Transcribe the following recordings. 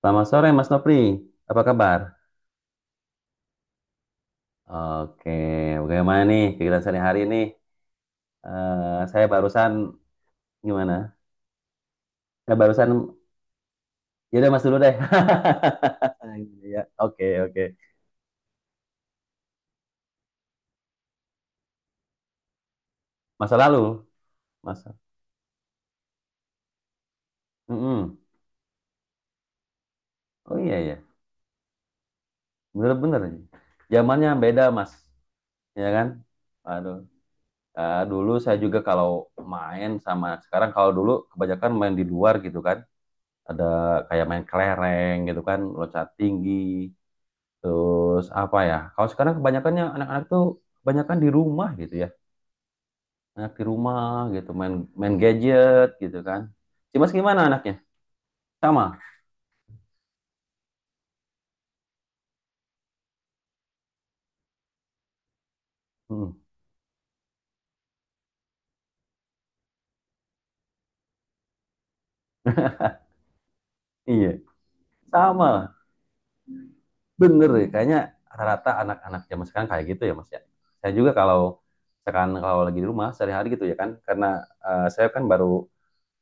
Selamat sore Mas Nopri, apa kabar? Oke, bagaimana nih kegiatan sehari-hari nih? Saya barusan gimana? Saya barusan, ya udah Mas dulu deh. Ya, oke oke. Masa lalu, Mas. Mm-mm. Oh iya ya, bener-bener. Zamannya beda Mas, ya kan? Aduh, dulu saya juga kalau main sama sekarang kalau dulu kebanyakan main di luar gitu kan. Ada kayak main kelereng gitu kan, loncat tinggi. Terus apa ya? Kalau sekarang kebanyakannya anak-anak tuh kebanyakan di rumah gitu ya. Anak di rumah gitu main main gadget gitu kan. Cimas gimana anaknya? Sama. Hmm, iya, sama. Bener ya. Kayaknya rata-rata anak-anak zaman sekarang kayak gitu ya Mas ya. Saya juga kalau sekarang kalau lagi di rumah sehari-hari gitu ya kan, karena saya kan baru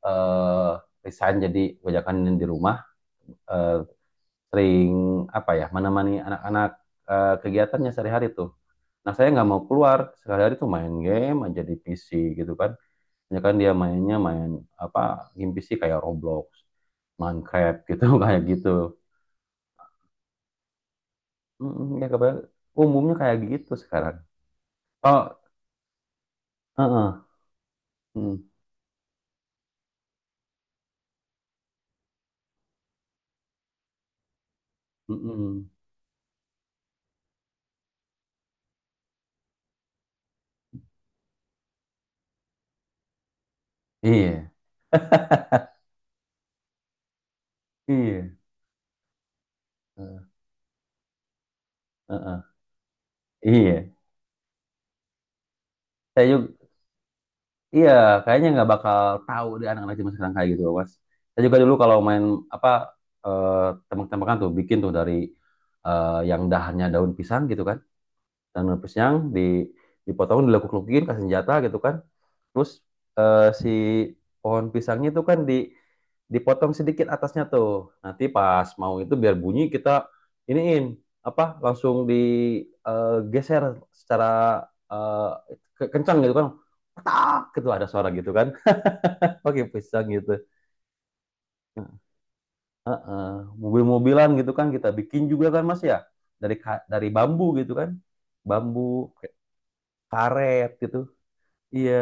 eh resign, jadi kebanyakan di rumah, eh, sering apa ya menemani anak-anak, kegiatannya sehari-hari tuh. Nah, saya nggak mau keluar. Sehari-hari tuh main game aja di PC gitu kan. Ya kan dia mainnya main apa game PC kayak Roblox, Minecraft gitu kayak gitu. Mm, ya kebanyakan umumnya kayak gitu sekarang. Oh, heeh. Mm, mm, mm. Iya, iya. Heeh. Iya. Saya juga iya, kayaknya nggak bakal tahu di anak-anak zaman sekarang kayak gitu, Mas. Saya juga dulu kalau main apa eh tembak-tembakan tuh bikin tuh dari yang dahannya daun pisang gitu kan. Dan tanam yang dipotong dilekuk-lekukin kasih senjata gitu kan, terus si pohon pisangnya itu kan di dipotong sedikit atasnya tuh, nanti pas mau itu biar bunyi kita iniin apa langsung digeser, secara eh, kencang gitu kan, tak gitu ada suara gitu kan. Pakai pisang gitu. Nah, Eh, mobil-mobilan gitu kan kita bikin juga kan mas ya, dari bambu gitu kan, bambu karet gitu. Iya,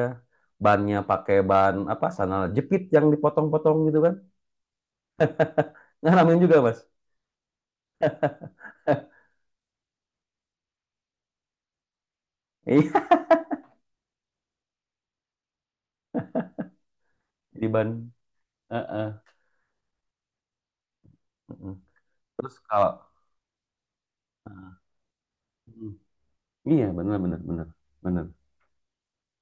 bannya pakai ban apa sandal jepit yang dipotong-potong gitu kan. Ngalamin juga, Mas. Iya, di ban. Heeh, heeh. Terus kalau Hmm. Iya, benar benar benar benar.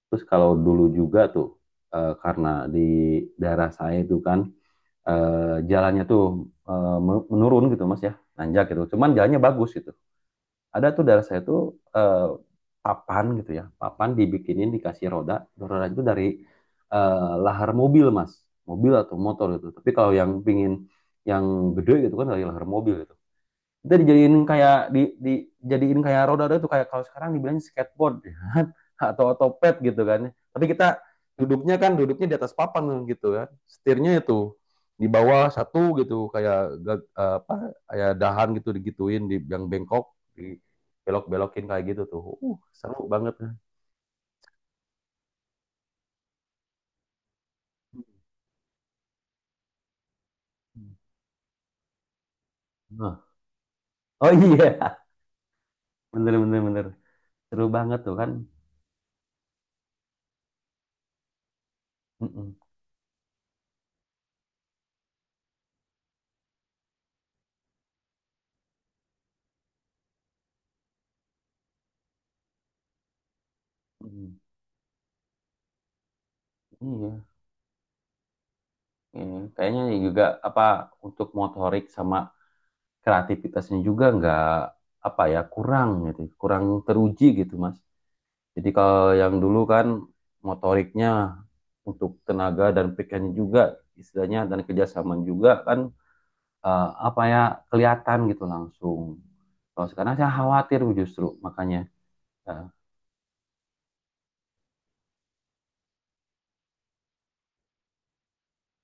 Terus kalau dulu juga tuh karena di daerah saya itu kan, eh, jalannya tuh eh, menurun gitu Mas ya, nanjak gitu. Cuman jalannya bagus gitu. Ada tuh daerah saya tuh, eh, papan gitu ya. Papan dibikinin dikasih roda. Roda itu dari eh, lahar mobil, Mas. Mobil atau motor gitu. Tapi kalau yang pingin yang gede gitu kan dari lahar mobil gitu. Kita dijadiin kayak dijadiin kayak roda-roda tuh, kayak kalau sekarang dibilang skateboard ya kan? Atau otopet gitu kan. Tapi kita duduknya kan duduknya di atas papan gitu kan. Setirnya itu di bawah satu gitu kayak apa, kayak dahan gitu digituin di yang bengkok, di belok-belokin kayak gitu tuh. Seru banget. Nah. Oh iya, bener bener bener. Seru banget tuh kan. Mm-mm. Mm-mm. Iya. Iya. Kayaknya juga apa untuk motorik sama kreativitasnya juga nggak apa ya, kurang gitu, kurang teruji gitu mas, jadi kalau yang dulu kan motoriknya, untuk tenaga dan pikirannya juga istilahnya, dan kerjasama juga kan, apa ya, kelihatan gitu langsung. Kalau sekarang saya khawatir justru makanya ya.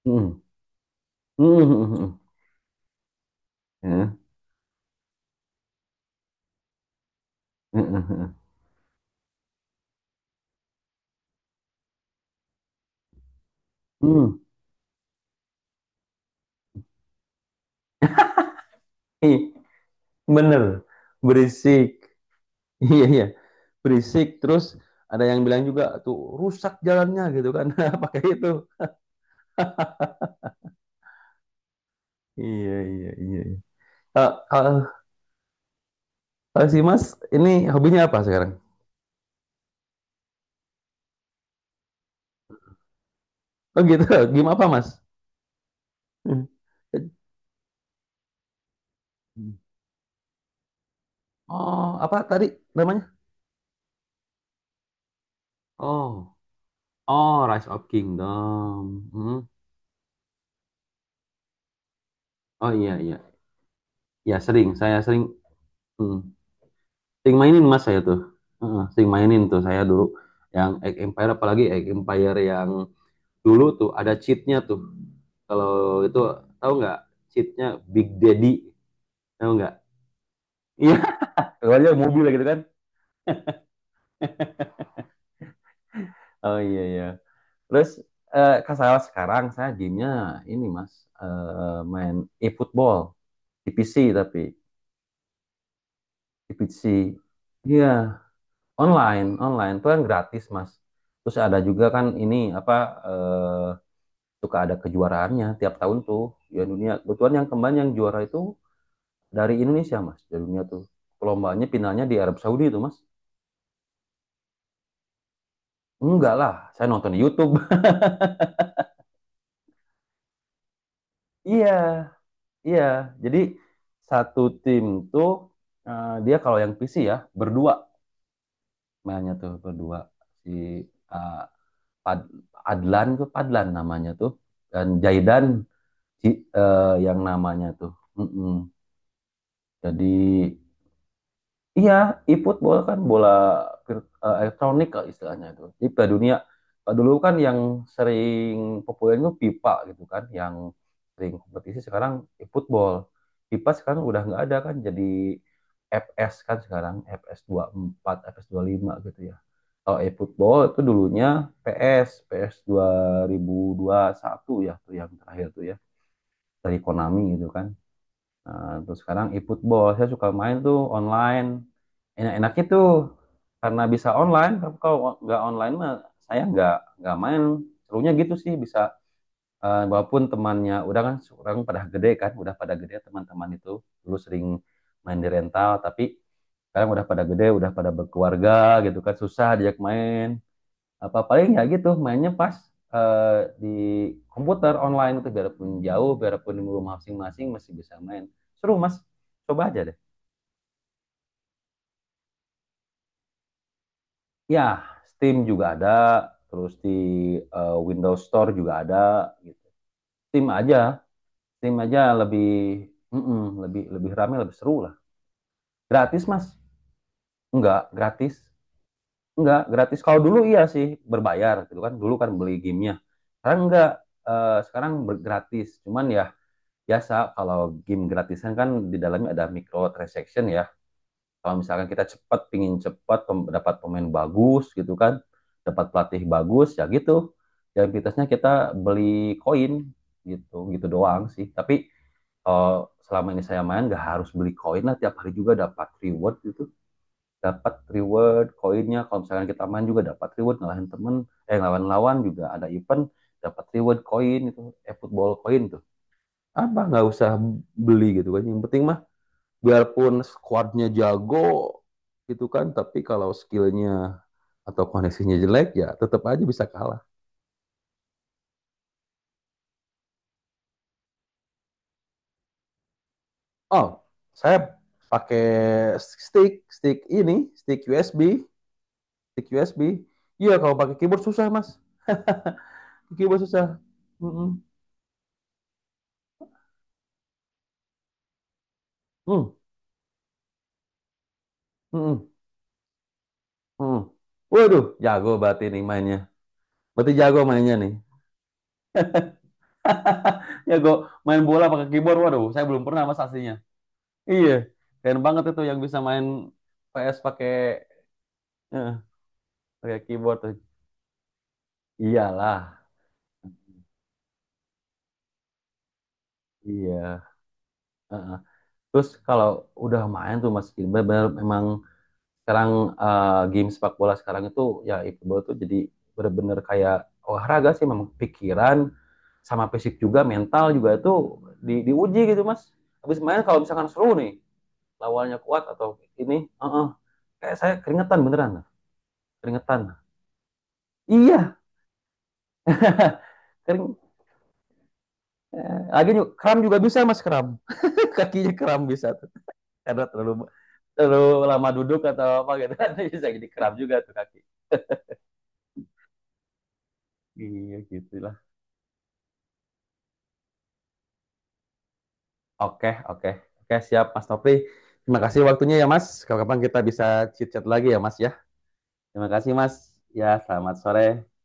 Hmm. Hmm. Hmm. Hmm. Hmm. Hmm. Hmm. Ih, bener berisik. Iya iya, berisik, terus ada yang bilang juga tuh rusak jalannya gitu kan pakai itu. Iya iya iya. Iya. Eh, Kalau kalau si Mas ini hobinya apa sekarang? Oh gitu. Game apa Mas? Hmm. Oh apa tadi namanya? Oh, oh Rise of Kingdom. Hmm. Oh iya iya. Ya sering, saya sering hmm. Sering mainin Mas saya tuh. Heeh, sering mainin tuh saya dulu yang Age Empire, apalagi Age Empire yang dulu tuh ada cheatnya tuh, kalau itu tahu nggak cheatnya, Big Daddy tahu nggak, iya, keluarnya mobil gitu kan. Oh iya iya, terus kalau sekarang saya gamenya ini mas, main e-football di PC tapi, di PC iya, online, online itu kan gratis mas. Terus ada juga kan ini apa, eh, suka ada kejuaraannya tiap tahun tuh ya dunia, kebetulan yang kemarin yang juara itu dari Indonesia mas, dari dunia tuh, lombanya finalnya di Arab Saudi itu mas. Enggak lah, saya nonton di YouTube. Iya, iya. Jadi satu tim tuh, dia kalau yang PC ya berdua, mainnya tuh berdua. si eh, Pad- Adlan tuh, Padlan namanya tuh, dan Jaidan, yang namanya tuh. Mm-mm. Jadi iya, e-football kan bola elektronik lah istilahnya itu. Jadi Piala Dunia, dulu kan yang sering populer itu FIFA gitu kan, yang sering kompetisi sekarang e-football. FIFA sekarang udah nggak ada kan, jadi FS kan sekarang, FS 24, FS5 gitu ya. Kalau e-football itu dulunya PS satu ya tuh yang terakhir tuh ya, dari Konami gitu kan. Nah, terus sekarang e-football, saya suka main tuh online. Enak-enaknya tuh karena bisa online. Kalau nggak online mah saya nggak main. Serunya gitu sih bisa. Walaupun temannya udah kan orang pada gede kan, udah pada gede teman-teman itu dulu sering main di rental, tapi sekarang udah pada gede, udah pada berkeluarga gitu kan, susah diajak main apa, paling ya gitu mainnya pas eh, di komputer online itu, biarpun jauh biarpun di rumah masing-masing masih bisa main, seru mas, coba aja deh. Ya Steam juga ada, terus di Windows Store juga ada gitu. Steam aja, Steam aja lebih, mm-mm, lebih ramai, lebih seru lah. Gratis mas. Enggak gratis, enggak gratis. Kalau dulu iya sih, berbayar gitu kan, dulu kan beli gamenya, sekarang enggak. Sekarang gratis, cuman ya biasa kalau game gratisan kan di dalamnya ada microtransaction ya. Kalau misalkan kita cepat, pingin cepat dapat pemain bagus gitu kan, dapat pelatih bagus ya gitu. Ya aktivitasnya kita beli koin gitu, gitu doang sih. Tapi eh, selama ini saya main nggak harus beli koin lah, tiap hari juga dapat reward gitu. Dapat reward koinnya kalau misalkan kita main, juga dapat reward ngalahin temen, lawan-lawan, juga ada event dapat reward koin itu, football koin, apa nggak usah beli gitu kan, yang penting mah biarpun squadnya jago gitu kan, tapi kalau skillnya atau koneksinya jelek ya tetap aja bisa kalah. Oh saya pakai stick stick ini, stick USB, stick USB. Iya kalau pakai keyboard susah mas, keyboard susah. Mm-mm. Mm. Mm-mm. Mm. Waduh, jago berarti nih mainnya, berarti jago mainnya nih. Jago main bola pakai keyboard, waduh saya belum pernah mas aslinya. Iya, keren banget itu yang bisa main PS pakai eh, pakai keyboard tuh. Iyalah, iya. Heeh. Terus kalau udah main tuh Mas Gilbert, bener memang sekarang, game sepak bola sekarang itu ya e-football tuh, jadi bener-bener kayak olahraga sih, memang pikiran sama fisik juga, mental juga itu diuji gitu Mas. Habis main kalau misalkan seru nih, lawannya kuat atau ini, heeh. Kayak saya keringetan beneran, keringetan. Iya, kering. Lagi kram juga bisa mas, kram. Kakinya kram bisa tuh. Karena terlalu terlalu lama duduk atau apa gitu kan, bisa jadi kram juga tuh kaki. Iya gitulah. Oke oke oke, siap Mas Topri. Terima kasih waktunya ya Mas. Kalau kapan kita bisa chit chat lagi ya Mas ya. Terima kasih Mas. Ya selamat sore.